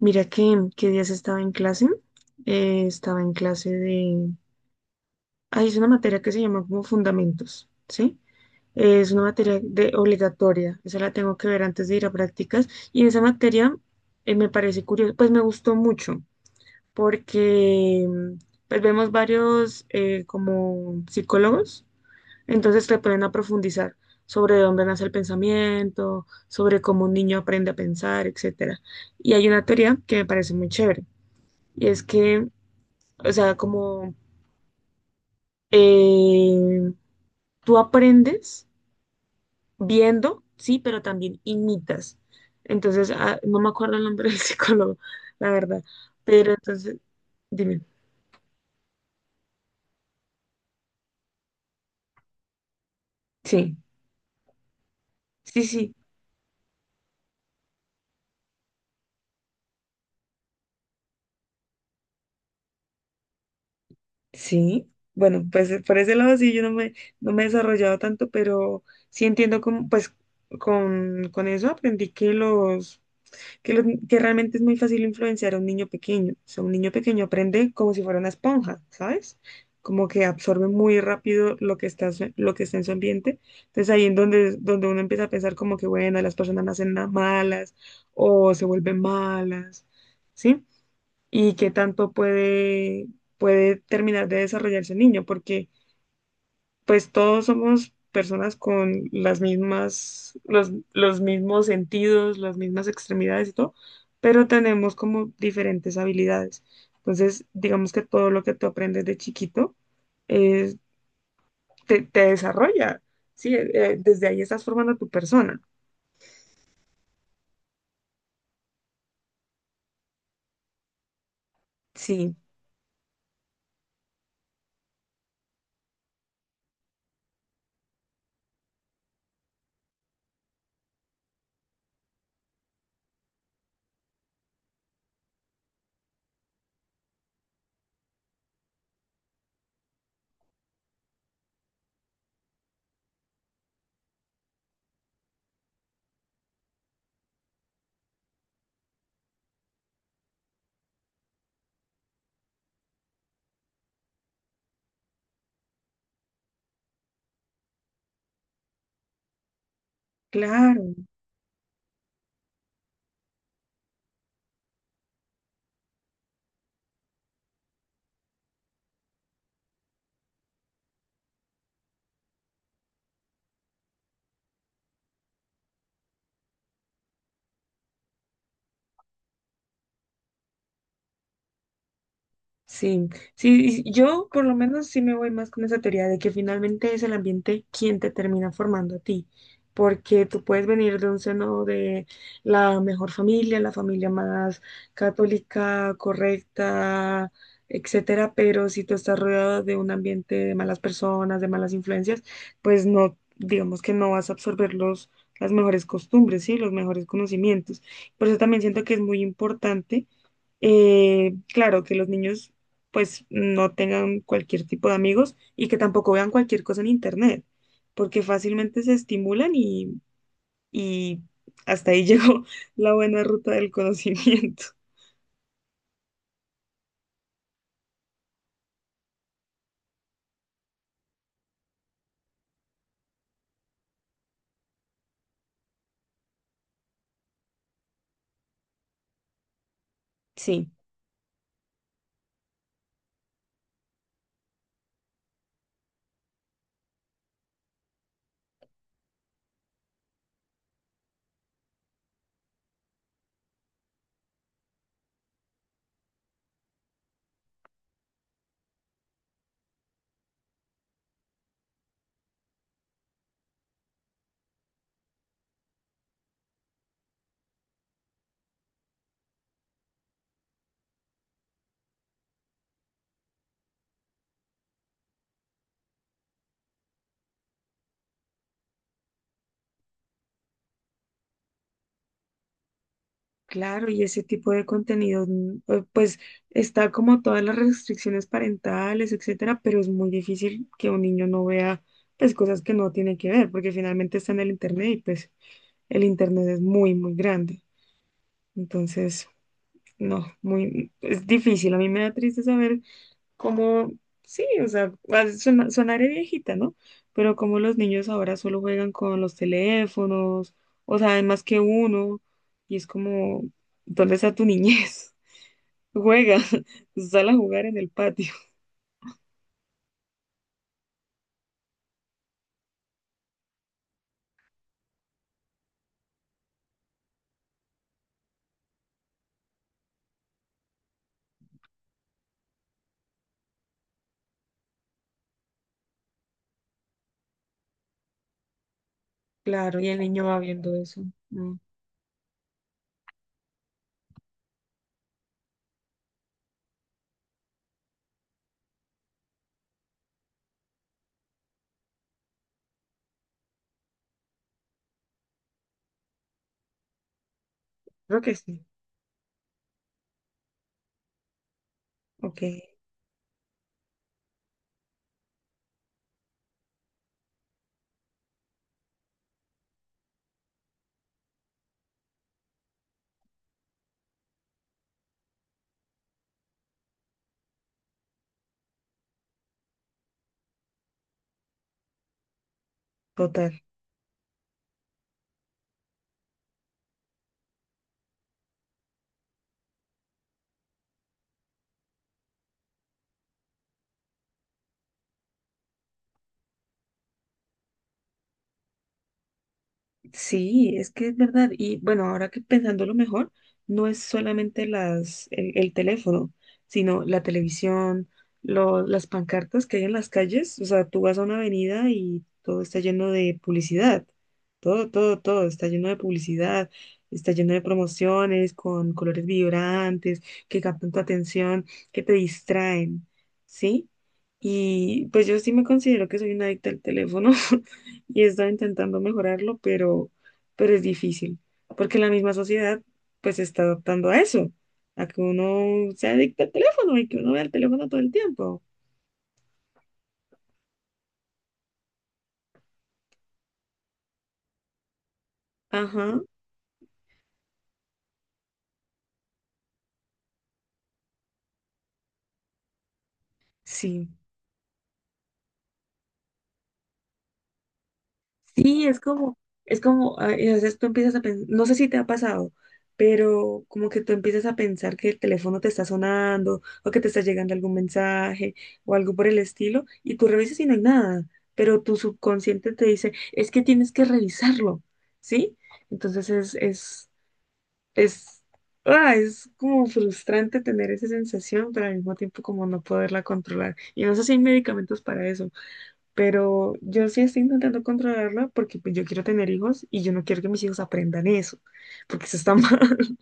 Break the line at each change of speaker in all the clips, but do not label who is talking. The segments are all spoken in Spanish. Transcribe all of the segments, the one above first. Mira que, qué días estaba en clase. Estaba en clase de... Ahí es una materia que se llama como fundamentos, ¿sí? Es una materia de obligatoria. Esa la tengo que ver antes de ir a prácticas. Y esa materia me parece curiosa, pues me gustó mucho porque pues vemos varios como psicólogos, entonces te ponen a profundizar sobre de dónde nace el pensamiento, sobre cómo un niño aprende a pensar, etcétera. Y hay una teoría que me parece muy chévere y es que, o sea, como eh, tú aprendes viendo, sí, pero también imitas. Entonces, no me acuerdo el nombre del psicólogo, la verdad. Pero entonces, dime. Sí, sí, sí, sí. Bueno, pues por ese lado sí, yo no me, no me he desarrollado tanto, pero sí entiendo cómo pues, con eso aprendí que que realmente es muy fácil influenciar a un niño pequeño. O sea, un niño pequeño aprende como si fuera una esponja, ¿sabes? Como que absorbe muy rápido lo que está en su ambiente. Entonces ahí es donde, donde uno empieza a pensar como que, bueno, las personas nacen malas o se vuelven malas, ¿sí? Y qué tanto puede, puede terminar de desarrollarse el niño, porque pues todos somos personas con los mismos sentidos, las mismas extremidades y todo, pero tenemos como diferentes habilidades. Entonces, digamos que todo lo que tú aprendes de chiquito eh, te desarrolla, ¿sí? Desde ahí estás formando a tu persona. Sí, claro. Sí, sí, y yo por lo menos sí me voy más con esa teoría de que finalmente es el ambiente quien te termina formando a ti, porque tú puedes venir de un seno de la mejor familia, la familia más católica, correcta, etcétera, pero si tú estás rodeado de un ambiente de malas personas, de malas influencias, pues no, digamos que no vas a absorber las mejores costumbres, sí, los mejores conocimientos. Por eso también siento que es muy importante claro, que los niños pues no tengan cualquier tipo de amigos y que tampoco vean cualquier cosa en internet, porque fácilmente se estimulan y hasta ahí llegó la buena ruta del conocimiento. Sí, claro, y ese tipo de contenidos, pues está como todas las restricciones parentales, etcétera, pero es muy difícil que un niño no vea pues cosas que no tiene que ver, porque finalmente está en el internet y pues el internet es muy, muy grande. Entonces, no, muy, es difícil. A mí me da triste saber cómo, sí, o sea, sonaré viejita, ¿no? Pero como los niños ahora solo juegan con los teléfonos, o sea, hay más que uno, y es como, ¿dónde está tu niñez? Juega, sal a jugar en el patio. Claro, y el niño va viendo eso. Mm, creo que sí. Ok, total. Sí, es que es verdad. Y bueno, ahora que pensándolo mejor, no es solamente el teléfono, sino la televisión, las pancartas que hay en las calles. O sea, tú vas a una avenida y todo está lleno de publicidad. Todo, todo, todo está lleno de publicidad, está lleno de promociones con colores vibrantes que captan tu atención, que te distraen, ¿sí? Y pues yo sí me considero que soy una adicta al teléfono. Y he estado intentando mejorarlo, pero es difícil, porque la misma sociedad pues se está adaptando a eso, a que uno se adicta al teléfono y que uno vea el teléfono todo el tiempo. Ajá, sí. Sí, es como, a veces tú empiezas a pensar, no sé si te ha pasado, pero como que tú empiezas a pensar que el teléfono te está sonando o que te está llegando algún mensaje o algo por el estilo y tú revisas y no hay nada, pero tu subconsciente te dice, es que tienes que revisarlo, ¿sí? Entonces es, es como frustrante tener esa sensación, pero al mismo tiempo como no poderla controlar. Y no sé si hay medicamentos para eso, pero yo sí estoy intentando controlarla porque pues, yo quiero tener hijos y yo no quiero que mis hijos aprendan eso, porque eso está mal.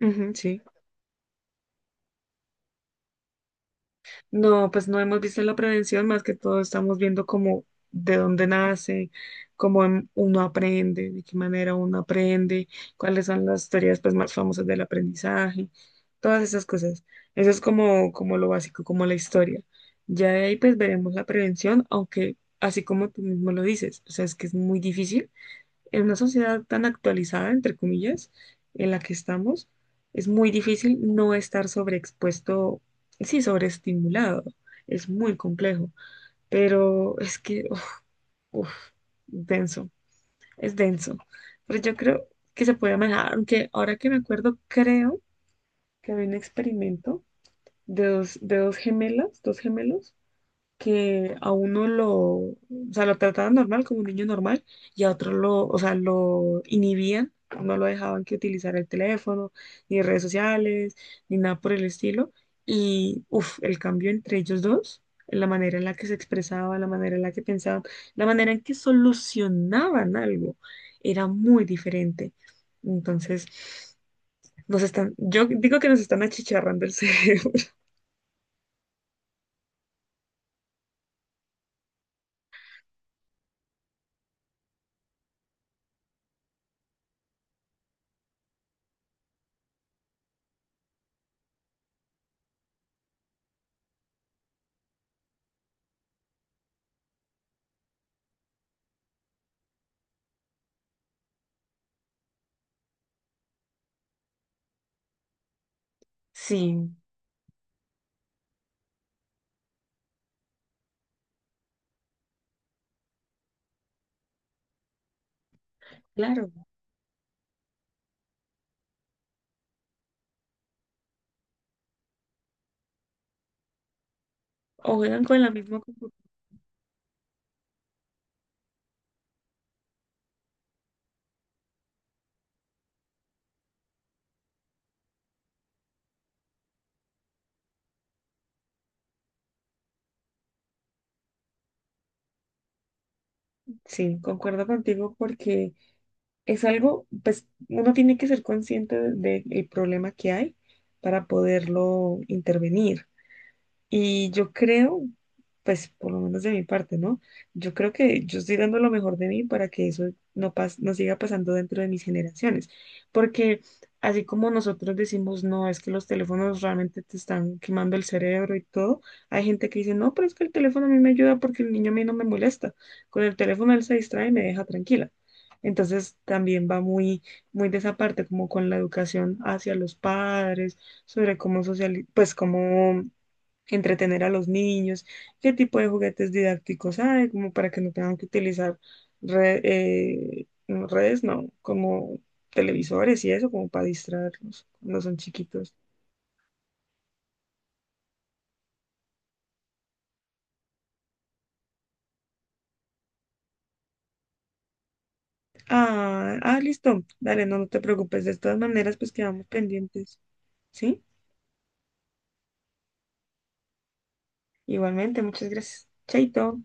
Ujú, sí. No, pues no hemos visto la prevención, más que todo estamos viendo como de dónde nace, uno aprende, de qué manera uno aprende, cuáles son las teorías pues más famosas del aprendizaje, todas esas cosas. Eso es como, como lo básico, como la historia. Ya de ahí pues veremos la prevención, aunque así como tú mismo lo dices, o sea, es que es muy difícil en una sociedad tan actualizada, entre comillas, en la que estamos, es muy difícil no estar sobreexpuesto, sí, sobreestimulado. Es muy complejo, pero es que, uf, uf, denso, es denso. Pero yo creo que se puede manejar, aunque ahora que me acuerdo, creo que había un experimento de de dos gemelas, dos gemelos, que a uno lo, o sea, lo trataban normal, como un niño normal, y a otro lo inhibían, no lo dejaban que utilizara el teléfono, ni redes sociales, ni nada por el estilo. Y, uff, el cambio entre ellos dos, la manera en la que se expresaban, la manera en la que pensaban, la manera en que solucionaban algo, era muy diferente. Entonces, nos están, yo digo que nos están achicharrando el cerebro. Sí, claro. O juegan con la misma computadora. Sí, concuerdo contigo porque es algo, pues uno tiene que ser consciente del problema que hay para poderlo intervenir. Y yo creo, pues por lo menos de mi parte, ¿no? Yo creo que yo estoy dando lo mejor de mí para que eso no siga pasando dentro de mis generaciones. Porque así como nosotros decimos, no, es que los teléfonos realmente te están quemando el cerebro y todo, hay gente que dice, no, pero es que el teléfono a mí me ayuda porque el niño a mí no me molesta. Con el teléfono él se distrae y me deja tranquila. Entonces también va muy, muy de esa parte, como con la educación hacia los padres, sobre cómo socializar, pues cómo entretener a los niños, qué tipo de juguetes didácticos hay, como para que no tengan que utilizar re- no, redes, no, como televisores y eso, como para distraerlos cuando son chiquitos. Ah, ah, listo, dale, no, no te preocupes, de todas maneras, pues quedamos pendientes, ¿sí? Igualmente, muchas gracias. Chaito.